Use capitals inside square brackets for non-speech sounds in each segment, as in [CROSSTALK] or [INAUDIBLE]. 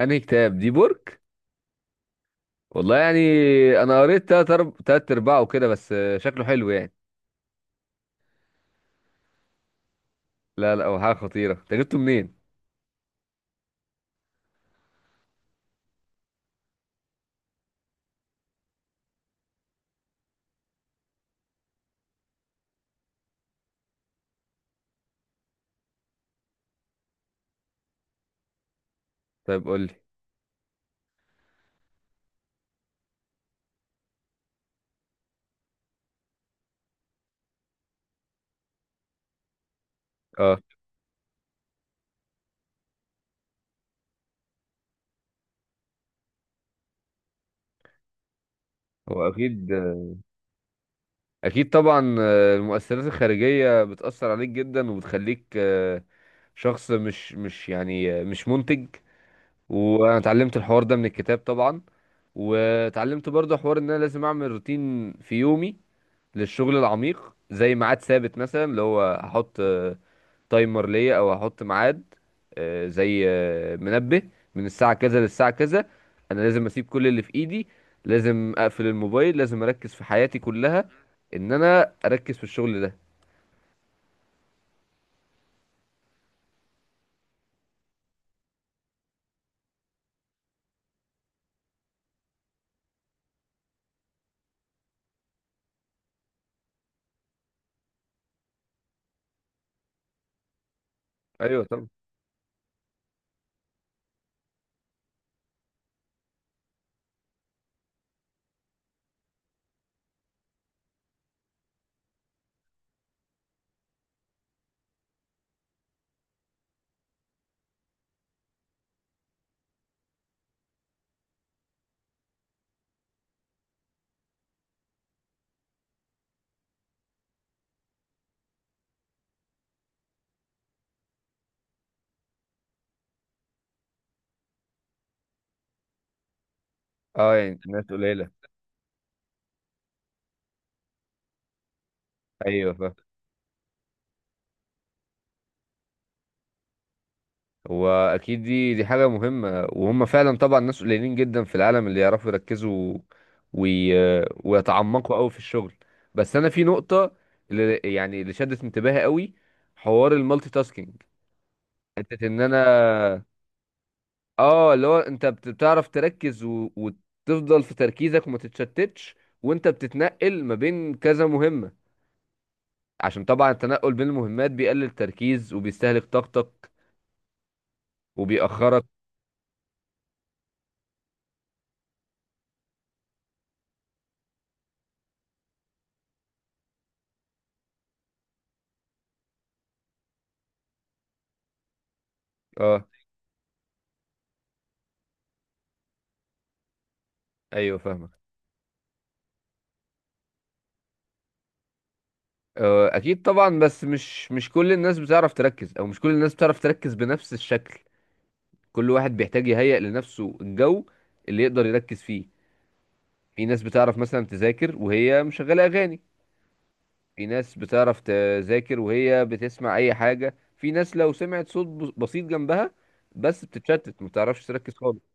انهي كتاب دي بورك؟ والله يعني انا قريت تلات ارباعه وكده بس شكله حلو يعني. لا لا، هو حاجه خطيره، انت جبته منين؟ طيب قول لي. اه. هو اكيد. اكيد طبعا، المؤثرات الخارجيه بتاثر عليك جدا وبتخليك شخص مش يعني مش منتج. وانا اتعلمت الحوار ده من الكتاب طبعا. واتعلمت برضه حوار ان انا لازم اعمل روتين في يومي للشغل العميق، زي ميعاد ثابت مثلا، اللي هو هحط تايمر ليا او هحط ميعاد، زي منبه، من الساعه كذا للساعه كذا. انا لازم اسيب كل اللي في ايدي، لازم اقفل الموبايل، لازم اركز في حياتي كلها ان انا اركز في الشغل ده. ايوه طبعا. اه يعني ناس قليله. ايوه فاهم. هو اكيد، دي حاجه مهمه، وهم فعلا طبعا ناس قليلين جدا في العالم اللي يعرفوا يركزوا وي... ويتعمقوا قوي في الشغل. بس انا في نقطه اللي يعني اللي شدت انتباهي قوي، حوار المالتي تاسكينج، حتة ان انا، اه، اللي هو انت بتعرف تركز وتفضل في تركيزك وما تتشتتش، وانت بتتنقل ما بين كذا مهمة. عشان طبعا التنقل بين المهمات بيقلل التركيز وبيستهلك طاقتك وبيأخرك. اه. ايوه فاهمك. اكيد طبعا، بس مش كل الناس بتعرف تركز، او مش كل الناس بتعرف تركز بنفس الشكل. كل واحد بيحتاج يهيئ لنفسه الجو اللي يقدر يركز فيه. في ناس بتعرف مثلا تذاكر وهي مشغلة اغاني، في ناس بتعرف تذاكر وهي بتسمع اي حاجة، في ناس لو سمعت صوت بسيط جنبها بس بتتشتت، ما بتعرفش تركز خالص.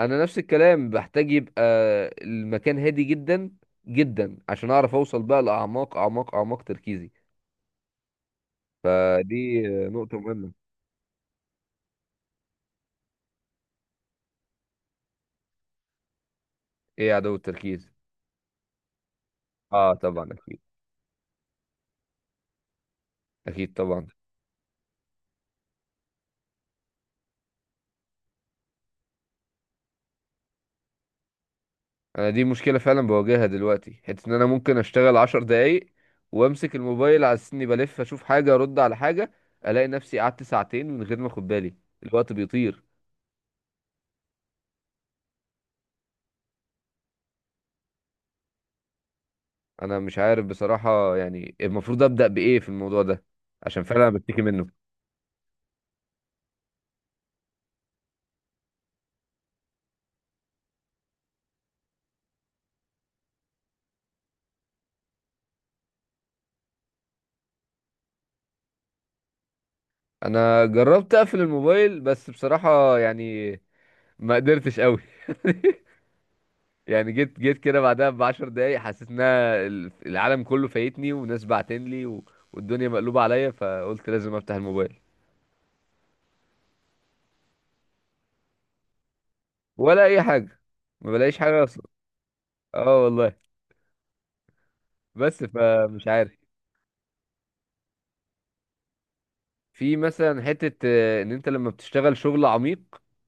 انا نفس الكلام، بحتاج يبقى المكان هادي جدا جدا عشان اعرف اوصل بقى لاعماق اعماق اعماق تركيزي. فدي نقطة مهمة. ايه عدو التركيز؟ اه طبعا اكيد. اكيد طبعا. انا دي مشكلة فعلا بواجهها دلوقتي، حتة ان انا ممكن اشتغل عشر دقايق وامسك الموبايل على اني بلف اشوف حاجة ارد على حاجة، الاقي نفسي قعدت ساعتين من غير ما اخد بالي. الوقت بيطير. انا مش عارف بصراحة يعني، المفروض ابدأ بايه في الموضوع ده؟ عشان فعلا أنا بشتكي منه. انا جربت اقفل الموبايل، بس بصراحة يعني ما قدرتش قوي. [LAUGHS] يعني جيت كده بعدها بعشر دقايق حسيت ان أنا العالم كله فايتني، وناس بعتنلي والدنيا مقلوبة عليا، فقلت لازم افتح الموبايل. ولا اي حاجه، ما بلاقيش حاجه اصلا. اه والله. بس فمش عارف. في مثلا حته ان انت لما بتشتغل شغل عميق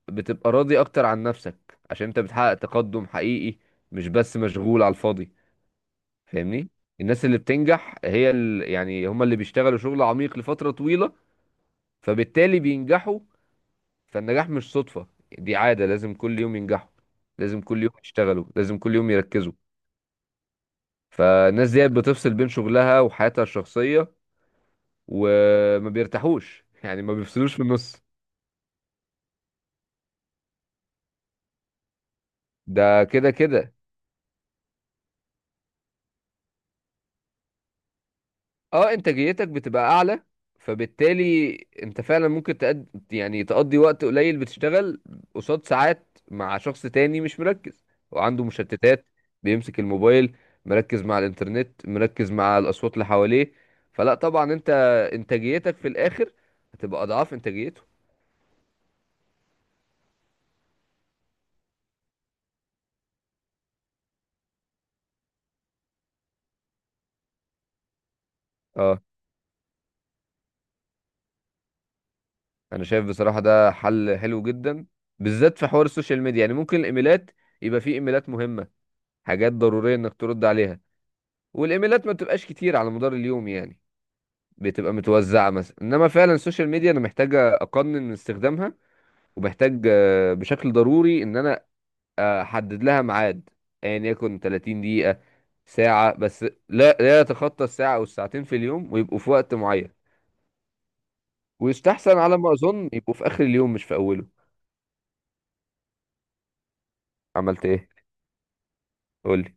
بتبقى راضي اكتر عن نفسك عشان انت بتحقق تقدم حقيقي، مش بس مشغول على الفاضي. فاهمني. الناس اللي بتنجح هي يعني هم اللي بيشتغلوا شغل عميق لفتره طويله، فبالتالي بينجحوا. فالنجاح مش صدفه، دي عاده، لازم كل يوم ينجحوا، لازم كل يوم يشتغلوا، لازم كل يوم يركزوا. فالناس ديت بتفصل بين شغلها وحياتها الشخصيه، وما بيرتاحوش يعني ما بيفصلوش في النص. ده كده كده. اه انتاجيتك بتبقى اعلى، فبالتالي انت فعلا ممكن يعني تقضي وقت قليل بتشتغل قصاد ساعات مع شخص تاني مش مركز وعنده مشتتات، بيمسك الموبايل، مركز مع الانترنت، مركز مع الاصوات اللي حواليه، فلا طبعا انت انتاجيتك في الاخر هتبقى اضعاف انتاجيته. اه. انا شايف بصراحة ده حل حلو جدا، بالذات في حوار السوشيال ميديا. يعني ممكن الايميلات يبقى فيه ايميلات مهمة، حاجات ضرورية انك ترد عليها، والايميلات ما بتبقاش كتير على مدار اليوم يعني، بتبقى متوزعة مثلا. انما فعلا السوشيال ميديا انا محتاجة اقنن من استخدامها، ومحتاج بشكل ضروري ان انا احدد لها ميعاد، ايا يعني يكن 30 دقيقة، ساعة بس، لا لا يتخطى الساعة او الساعتين في اليوم، ويبقوا في وقت معين، ويستحسن على ما اظن يبقوا في اخر اليوم مش في اوله. عملت ايه؟ قولي.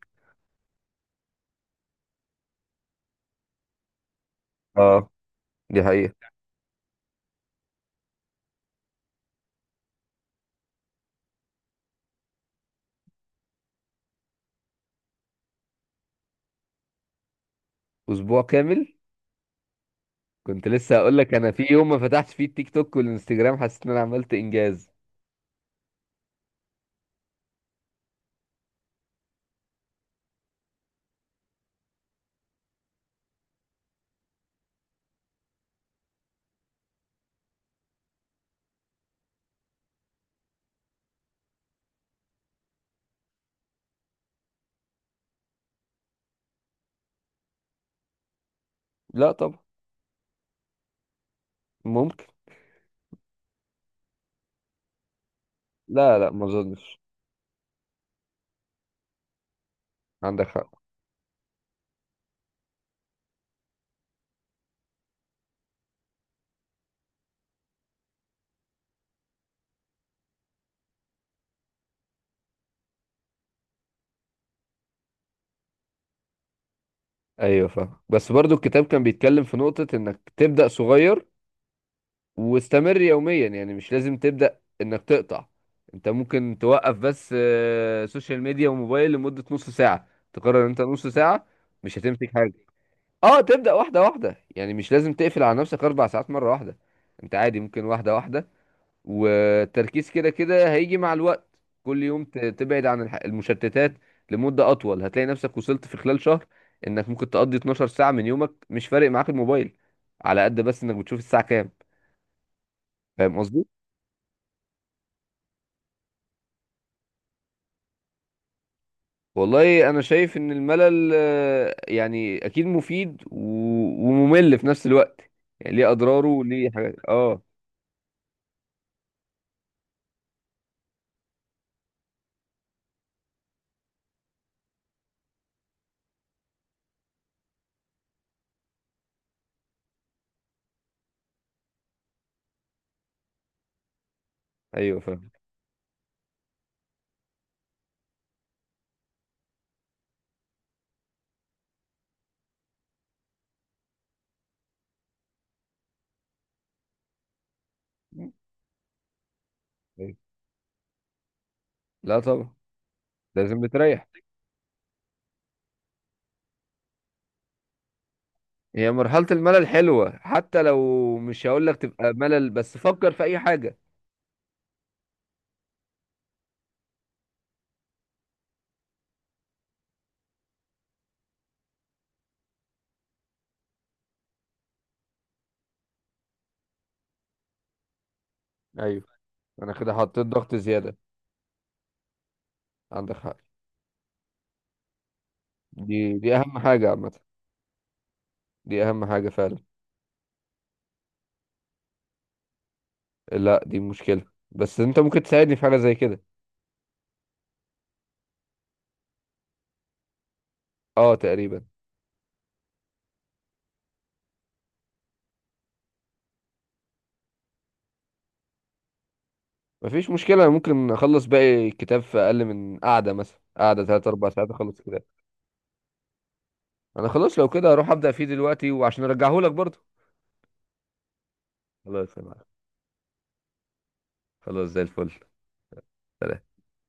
دي حقيقة. أسبوع كامل؟ كنت لسه هقول لك، أنا في يوم ما فتحتش فيه التيك توك والإنستجرام حسيت إن أنا عملت إنجاز. لا طبعا. ممكن. لا لا ما أظنش. عندك حق. أيوه فاهم، بس برضو الكتاب كان بيتكلم في نقطة إنك تبدأ صغير واستمر يوميا، يعني مش لازم تبدأ إنك تقطع. أنت ممكن توقف بس سوشيال ميديا وموبايل لمدة نص ساعة، تقرر إن أنت نص ساعة مش هتمسك حاجة. اه تبدأ واحدة واحدة، يعني مش لازم تقفل على نفسك أربع ساعات مرة واحدة. أنت عادي ممكن واحدة واحدة، والتركيز كده كده هيجي مع الوقت. كل يوم تبعد عن المشتتات لمدة أطول، هتلاقي نفسك وصلت في خلال شهر إنك ممكن تقضي 12 ساعة من يومك مش فارق معاك الموبايل، على قد بس إنك بتشوف الساعة كام. فاهم قصدي؟ والله أنا شايف إن الملل يعني أكيد مفيد وممل في نفس الوقت، يعني ليه أضراره وليه حاجات آه. أيوه فاهم. أيوة. لا طبعا. لازم بتريح. هي مرحلة الملل حلوة، حتى لو مش هقول لك تبقى ملل بس فكر في أي حاجة. ايوه. أنا كده حطيت ضغط زيادة. عندك حق. دي أهم حاجة عامة، دي أهم حاجة فعلا. لا دي مشكلة، بس أنت ممكن تساعدني في حاجة زي كده. أه تقريبا. مفيش مشكلة، أنا ممكن أخلص باقي الكتاب في أقل من قعدة، مثلا قعدة تلات أربع ساعات أخلص الكتاب. أنا خلاص لو كده هروح أبدأ فيه دلوقتي، وعشان أرجعهولك برضه. خلاص يا معلم. خلاص زي الفل. سلام.